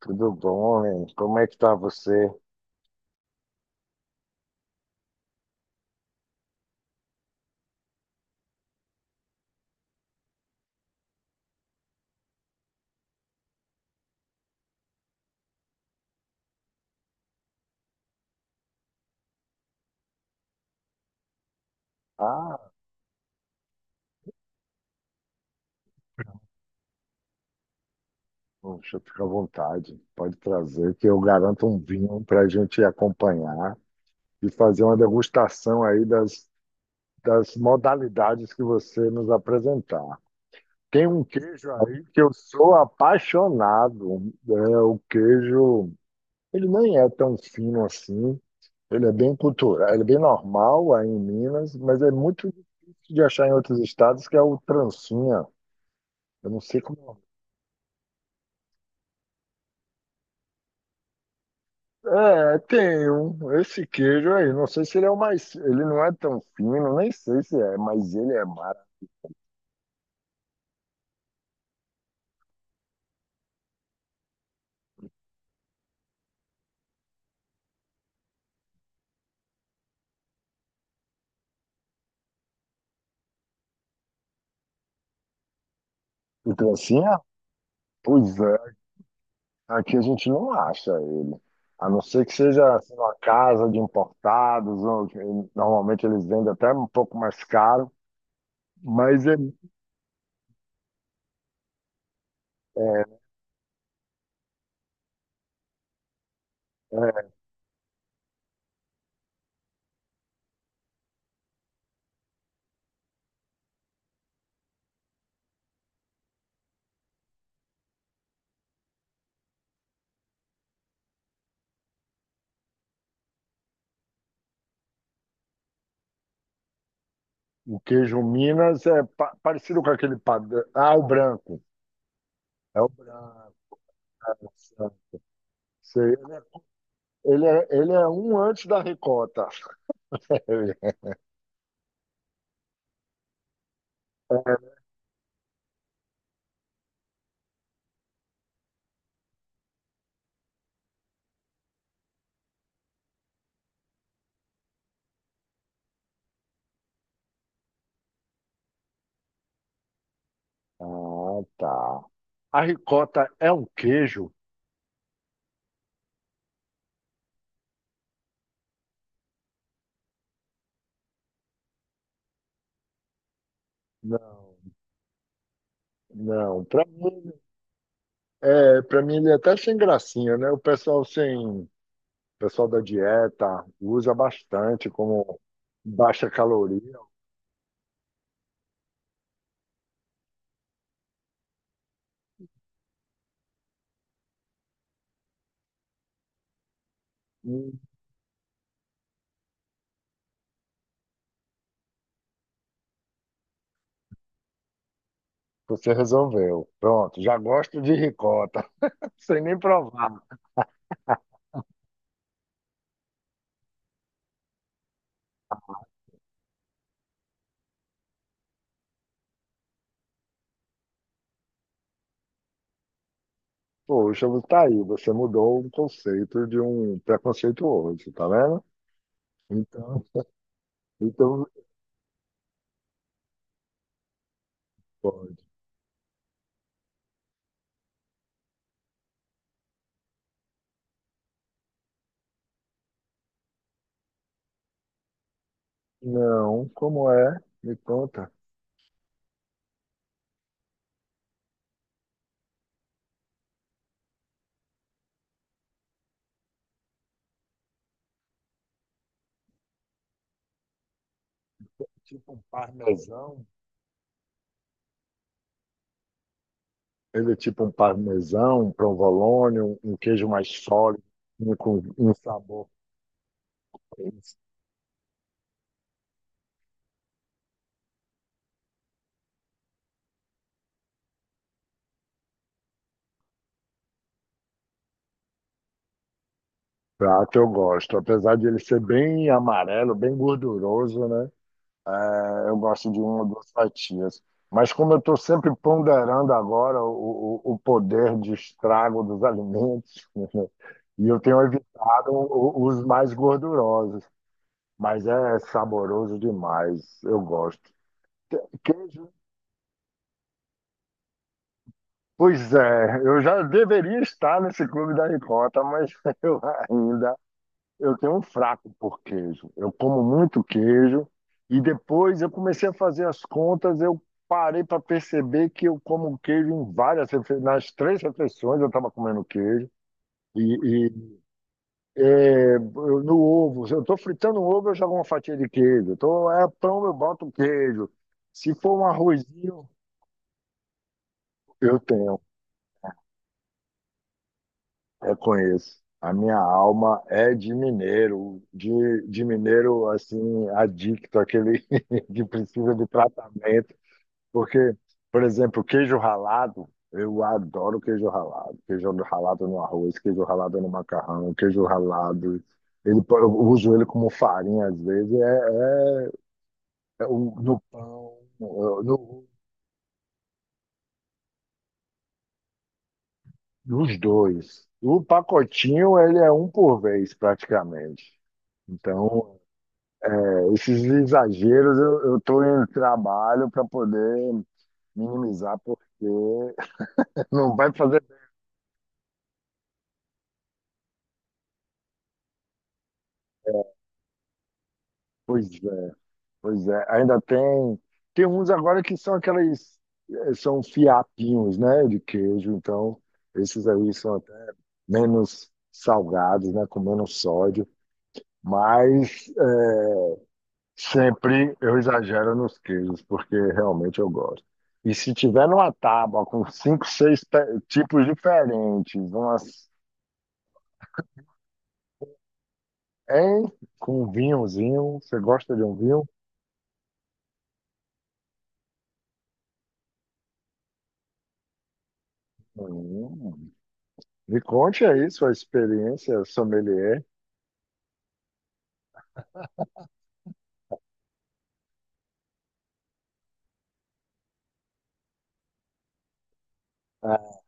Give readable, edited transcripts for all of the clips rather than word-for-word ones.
Tudo bom, hein? Como é que tá você? Ah, poxa, fica à vontade. Pode trazer, que eu garanto um vinho para a gente acompanhar e fazer uma degustação aí das modalidades que você nos apresentar. Tem um queijo aí que eu sou apaixonado. É, o queijo, ele nem é tão fino assim. Ele é bem cultural, ele é bem normal aí em Minas, mas é muito difícil de achar em outros estados, que é o trancinha. Eu não sei como. É, tem um, esse queijo aí, não sei se ele é o mais, ele não é tão fino, nem sei se é, mas ele é mara. O trancinha? Pois é, aqui a gente não acha ele. A não ser que seja assim, uma casa de importados, ou que normalmente eles vendem até um pouco mais caro, mas é, é é, o queijo Minas é parecido com aquele padrão. Ah, o branco. É o branco. Sei. Ele é um antes da ricota. Ah, tá. A ricota é um queijo? Não, não. Para mim, é, para mim ele é até sem gracinha, né? O pessoal sem, o pessoal da dieta usa bastante como baixa caloria. Hum, você resolveu. Pronto, já gosto de ricota, sem nem provar. Poxa, tá aí, você mudou um conceito de um preconceituoso, tá vendo? Então, então pode. Não, como é? Me conta. Tipo um parmesão. Ele é tipo um parmesão, um provolone, um queijo mais sólido, um, com um sabor. Esse prato eu gosto. Apesar de ele ser bem amarelo, bem gorduroso, né? É, eu gosto de uma ou duas fatias. Mas como eu estou sempre ponderando agora o poder de estrago dos alimentos, e eu tenho evitado os mais gordurosos, mas é saboroso demais, eu gosto. Que- Queijo. Pois é, eu já deveria estar nesse clube da ricota, mas eu ainda, eu tenho um fraco por queijo. Eu como muito queijo e depois eu comecei a fazer as contas, eu parei para perceber que eu como queijo em várias nas 3 refeições eu estava comendo queijo e, e, é, no ovo, se eu estou fritando um ovo eu jogo uma fatia de queijo, tô, é pão eu boto queijo, se for um arrozinho eu tenho. Eu conheço. A minha alma é de mineiro assim, adicto, aquele que precisa de tratamento. Porque, por exemplo, queijo ralado, eu adoro queijo ralado. Queijo ralado no arroz, queijo ralado no macarrão, queijo ralado. Ele, eu uso ele como farinha às vezes, é, no pão, nos dois. O pacotinho, ele é um por vez, praticamente. Então. É, esses exageros eu tô em trabalho para poder minimizar, porque não vai fazer bem. Pois é, pois é. Ainda tem, tem uns agora que são aqueles, são fiapinhos, né, de queijo, então esses aí são até menos salgados, né, com menos sódio, mas sempre eu exagero nos queijos, porque realmente eu gosto. E se tiver numa tábua com cinco, seis tipos diferentes, umas, hein? Com um vinhozinho, você gosta de um vinho? Hum. Me conte aí sua experiência sommelier. Ah,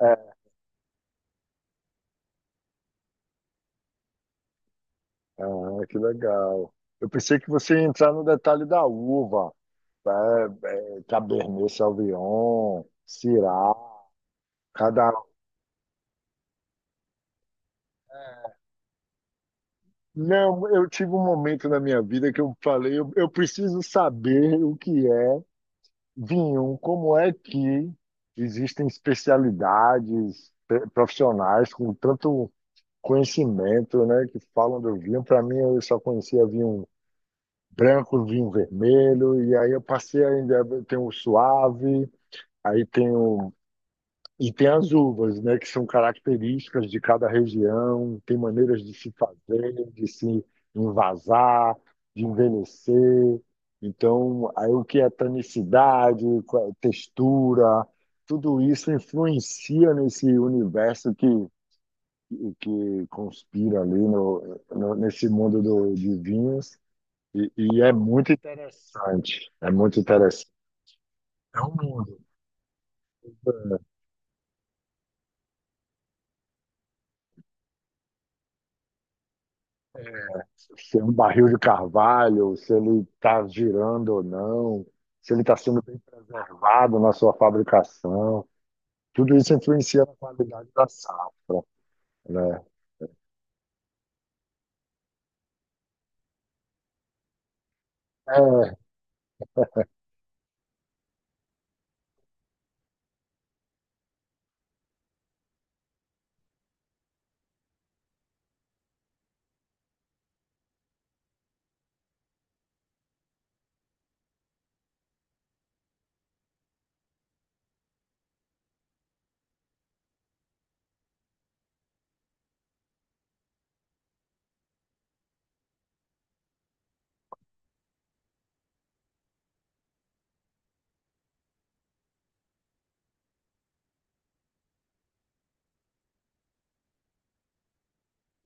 é, ah, que legal. Eu pensei que você ia entrar no detalhe da uva, Cabernet Sauvignon, Syrah, cada. Não, eu tive um momento na minha vida que eu falei, eu preciso saber o que é vinho, como é que existem especialidades profissionais com tanto conhecimento, né, que falam do vinho. Para mim, eu só conhecia vinho branco, vinho vermelho, e aí eu passei ainda, tem o suave, aí tem o, e tem as uvas, né, que são características de cada região, tem maneiras de se fazer, de se envasar, de envelhecer. Então, aí o que é tanicidade, qual é a textura, tudo isso influencia nesse universo que conspira ali no, nesse mundo do, de vinhos. E é muito interessante, é muito interessante. É um mundo. Se é um barril de carvalho, se ele está girando ou não, se ele está sendo bem preservado na sua fabricação. Tudo isso influencia na qualidade da safra, né? É,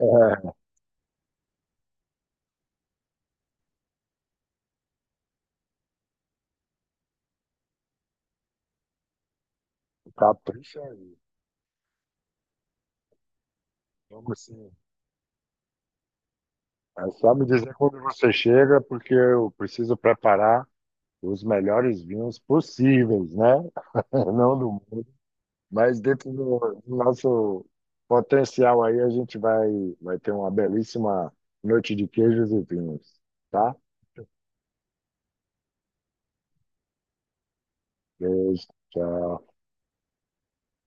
é, capricha aí. Vamos sim. É só me dizer quando você chega, porque eu preciso preparar os melhores vinhos possíveis, né? Não do mundo. Mas dentro do, do nosso potencial aí, a gente vai, vai ter uma belíssima noite de queijos e vinhos, tá? Beijo, tchau.